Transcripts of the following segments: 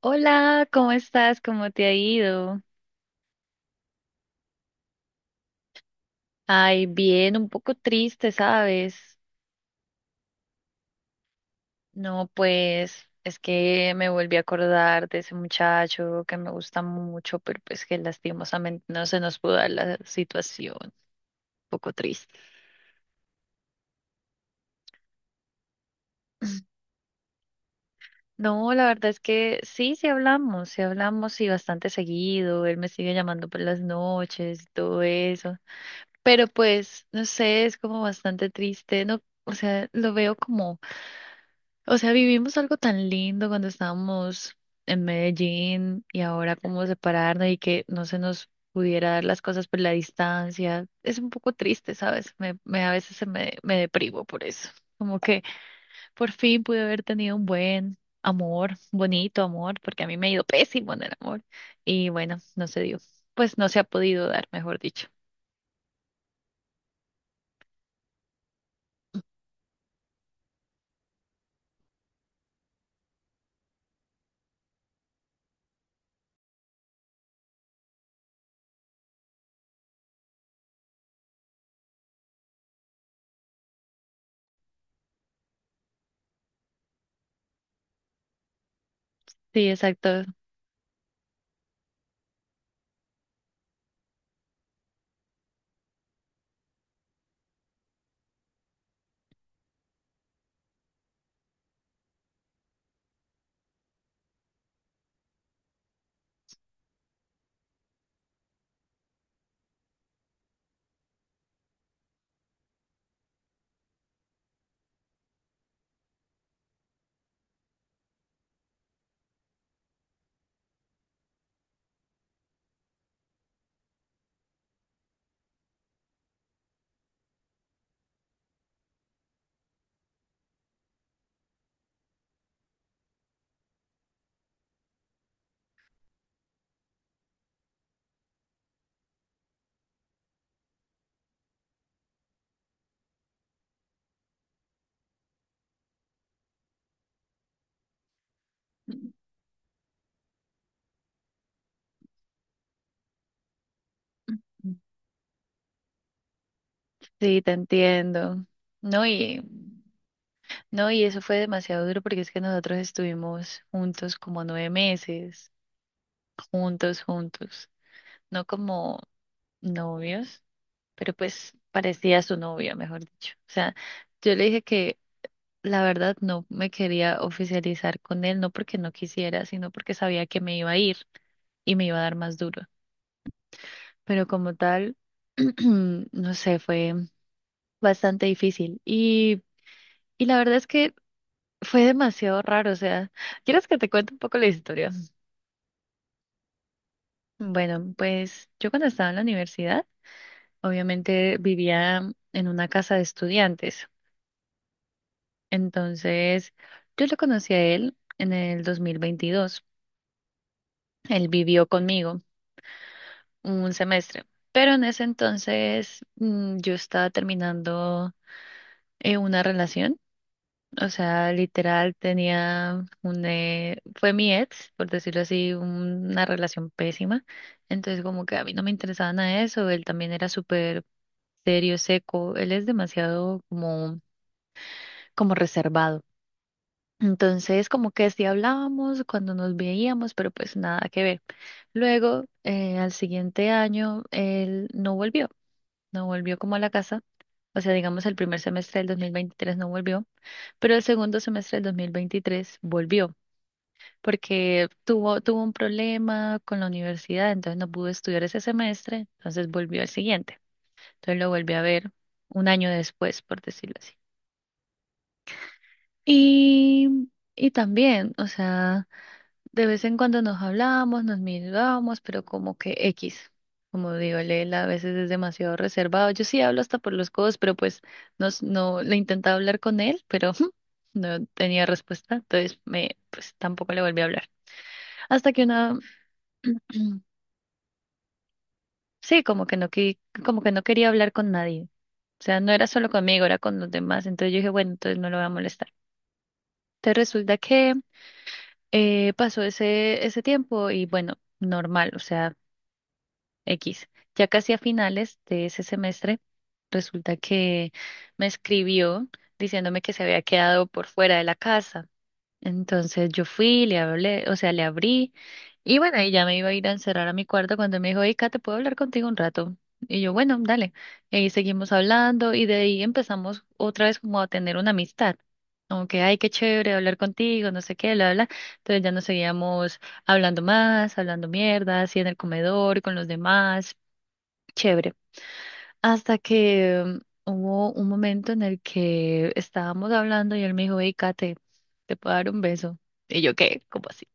Hola, ¿cómo estás? ¿Cómo te ha ido? Ay, bien, un poco triste, ¿sabes? No, pues es que me volví a acordar de ese muchacho que me gusta mucho, pero pues que lastimosamente no se nos pudo dar la situación. Un poco triste. No, la verdad es que sí, sí hablamos y bastante seguido. Él me sigue llamando por las noches y todo eso. Pero pues, no sé, es como bastante triste, ¿no? O sea, lo veo como. O sea, vivimos algo tan lindo cuando estábamos en Medellín y ahora cómo separarnos y que no se nos pudiera dar las cosas por la distancia. Es un poco triste, ¿sabes? A veces se me deprimo por eso. Como que por fin pude haber tenido un buen amor, bonito amor, porque a mí me ha ido pésimo en el amor. Y bueno, no se dio. Pues no se ha podido dar, mejor dicho. Sí, exacto. Sí, te entiendo. No. No, y eso fue demasiado duro porque es que nosotros estuvimos juntos como 9 meses, juntos, juntos, no como novios, pero pues parecía su novia, mejor dicho. O sea, yo le dije que la verdad no me quería oficializar con él, no porque no quisiera, sino porque sabía que me iba a ir y me iba a dar más duro. Pero como tal, no sé, fue bastante difícil. Y la verdad es que fue demasiado raro, o sea, ¿quieres que te cuente un poco la historia? Bueno, pues yo cuando estaba en la universidad, obviamente vivía en una casa de estudiantes. Entonces, yo lo conocí a él en el 2022. Él vivió conmigo un semestre, pero en ese entonces yo estaba terminando una relación. O sea, literal tenía un... fue mi ex, por decirlo así, una relación pésima. Entonces como que a mí no me interesaba nada de eso. Él también era súper serio, seco. Él es demasiado como, como reservado. Entonces como que sí hablábamos cuando nos veíamos, pero pues nada que ver. Luego, al siguiente año, él no volvió como a la casa. O sea, digamos, el primer semestre del 2023 no volvió, pero el segundo semestre del 2023 volvió, porque tuvo un problema con la universidad, entonces no pudo estudiar ese semestre, entonces volvió al siguiente. Entonces lo volví a ver un año después, por decirlo así. Y, y también, o sea... De vez en cuando nos hablábamos, nos mirábamos, pero como que X. Como digo, él a veces es demasiado reservado. Yo sí hablo hasta por los codos, pero pues no le intentaba hablar con él, pero no tenía respuesta. Entonces me, pues tampoco le volví a hablar. Hasta que una, sí, como que como que no quería hablar con nadie. O sea, no era solo conmigo, era con los demás. Entonces yo dije, bueno, entonces no lo voy a molestar. Entonces resulta que pasó ese tiempo y bueno, normal. O sea. X. Ya casi a finales de ese semestre, resulta que me escribió diciéndome que se había quedado por fuera de la casa. Entonces yo fui, le hablé, o sea, le abrí y bueno, y ya me iba a ir a encerrar a mi cuarto cuando me dijo, hey, Kate, ¿puedo hablar contigo un rato? Y yo, bueno, dale. Y ahí seguimos hablando y de ahí empezamos otra vez como a tener una amistad. Como que ay, qué chévere hablar contigo, no sé qué, bla, bla, bla. Entonces ya nos seguíamos hablando más, hablando mierda, así en el comedor, con los demás. Chévere. Hasta que hubo un momento en el que estábamos hablando y él me dijo, hey, Kate, ¿te puedo dar un beso? Y yo, ¿qué? ¿Cómo así?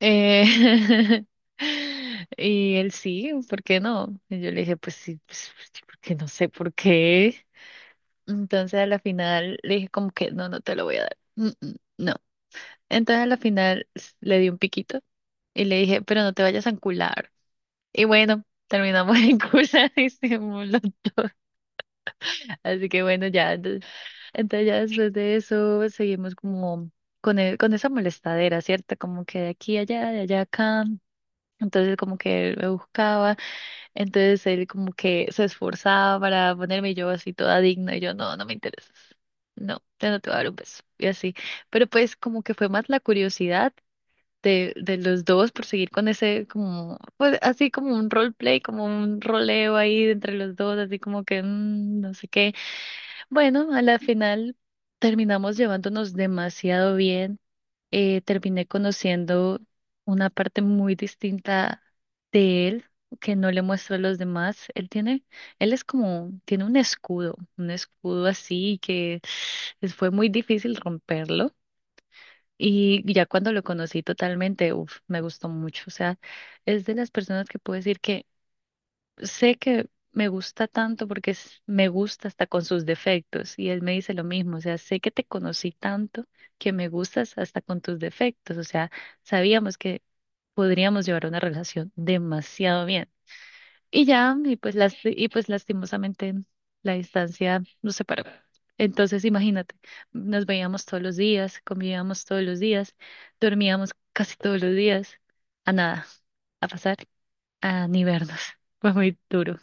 Eh, y él sí, ¿por qué no? Y yo le dije, pues sí, pues sí, porque no sé por qué. Entonces a la final le dije como que no, no te lo voy a dar. Mm, mm, no. Entonces a la final le di un piquito y le dije, pero no te vayas a encular. Y bueno, terminamos en cular y así que bueno, ya, entonces, entonces ya después de eso seguimos como con esa molestadera, ¿cierto? Como que de aquí a allá, de allá a acá. Entonces como que él me buscaba, entonces él como que se esforzaba para ponerme y yo así toda digna y yo no, no me interesas. No, yo no te voy a dar un beso y así. Pero pues como que fue más la curiosidad de los dos por seguir con ese como, pues así como un roleplay, como un roleo ahí entre los dos, así como que no sé qué. Bueno, a la final terminamos llevándonos demasiado bien. Terminé conociendo una parte muy distinta de él que no le muestro a los demás. Él es como, tiene un escudo así que fue muy difícil romperlo. Y ya cuando lo conocí totalmente, uf, me gustó mucho. O sea, es de las personas que puedo decir que sé que me gusta tanto porque me gusta hasta con sus defectos y él me dice lo mismo, o sea, sé que te conocí tanto que me gustas hasta con tus defectos, o sea, sabíamos que podríamos llevar una relación demasiado bien. Y ya, y pues, y pues lastimosamente la distancia nos separó. Entonces, imagínate, nos veíamos todos los días, convivíamos todos los días, dormíamos casi todos los días, a nada, a pasar, a ni vernos. Fue muy duro.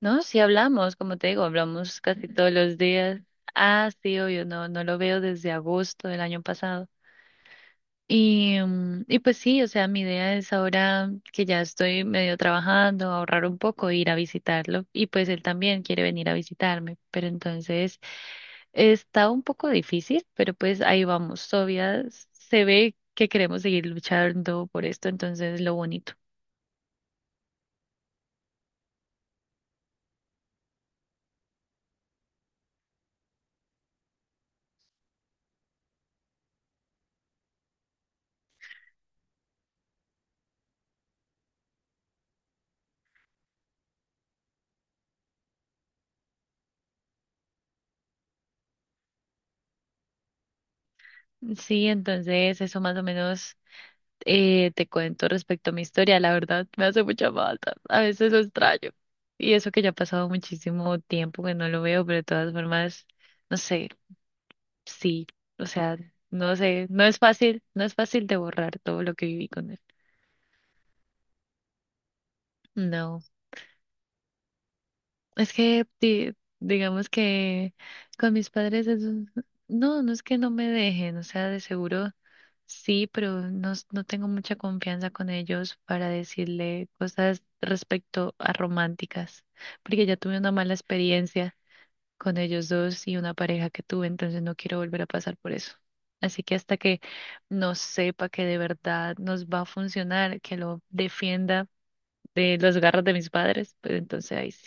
No, sí hablamos, como te digo, hablamos casi todos los días. Ah, sí, obvio, no, no lo veo desde agosto del año pasado. Y, y pues sí, o sea, mi idea es ahora que ya estoy medio trabajando, ahorrar un poco, ir a visitarlo. Y pues él también quiere venir a visitarme, pero entonces está un poco difícil, pero pues ahí vamos. Todavía se ve que queremos seguir luchando por esto, entonces lo bonito. Sí, entonces eso más o menos te cuento respecto a mi historia, la verdad me hace mucha falta, a veces lo extraño. Y eso que ya ha pasado muchísimo tiempo que no lo veo, pero de todas formas, no sé, sí, o sea, no sé, no es fácil, no es fácil de borrar todo lo que viví con él. No. Es que digamos que con mis padres es no, no es que no me dejen, o sea, de seguro sí, pero no, no tengo mucha confianza con ellos para decirle cosas respecto a románticas, porque ya tuve una mala experiencia con ellos dos y una pareja que tuve, entonces no quiero volver a pasar por eso. Así que hasta que no sepa que de verdad nos va a funcionar, que lo defienda de los garras de mis padres, pues entonces ahí sí.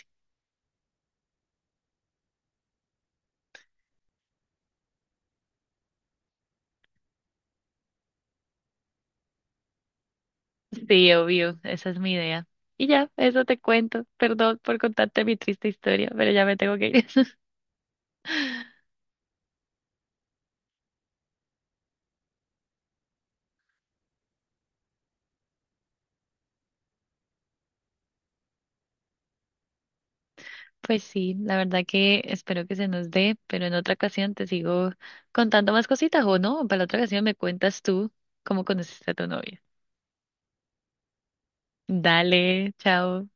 Sí, obvio, esa es mi idea. Y ya, eso te cuento. Perdón por contarte mi triste historia, pero ya me tengo que ir. Pues sí, la verdad que espero que se nos dé, pero en otra ocasión te sigo contando más cositas o no, para la otra ocasión me cuentas tú cómo conociste a tu novia. Dale, chao.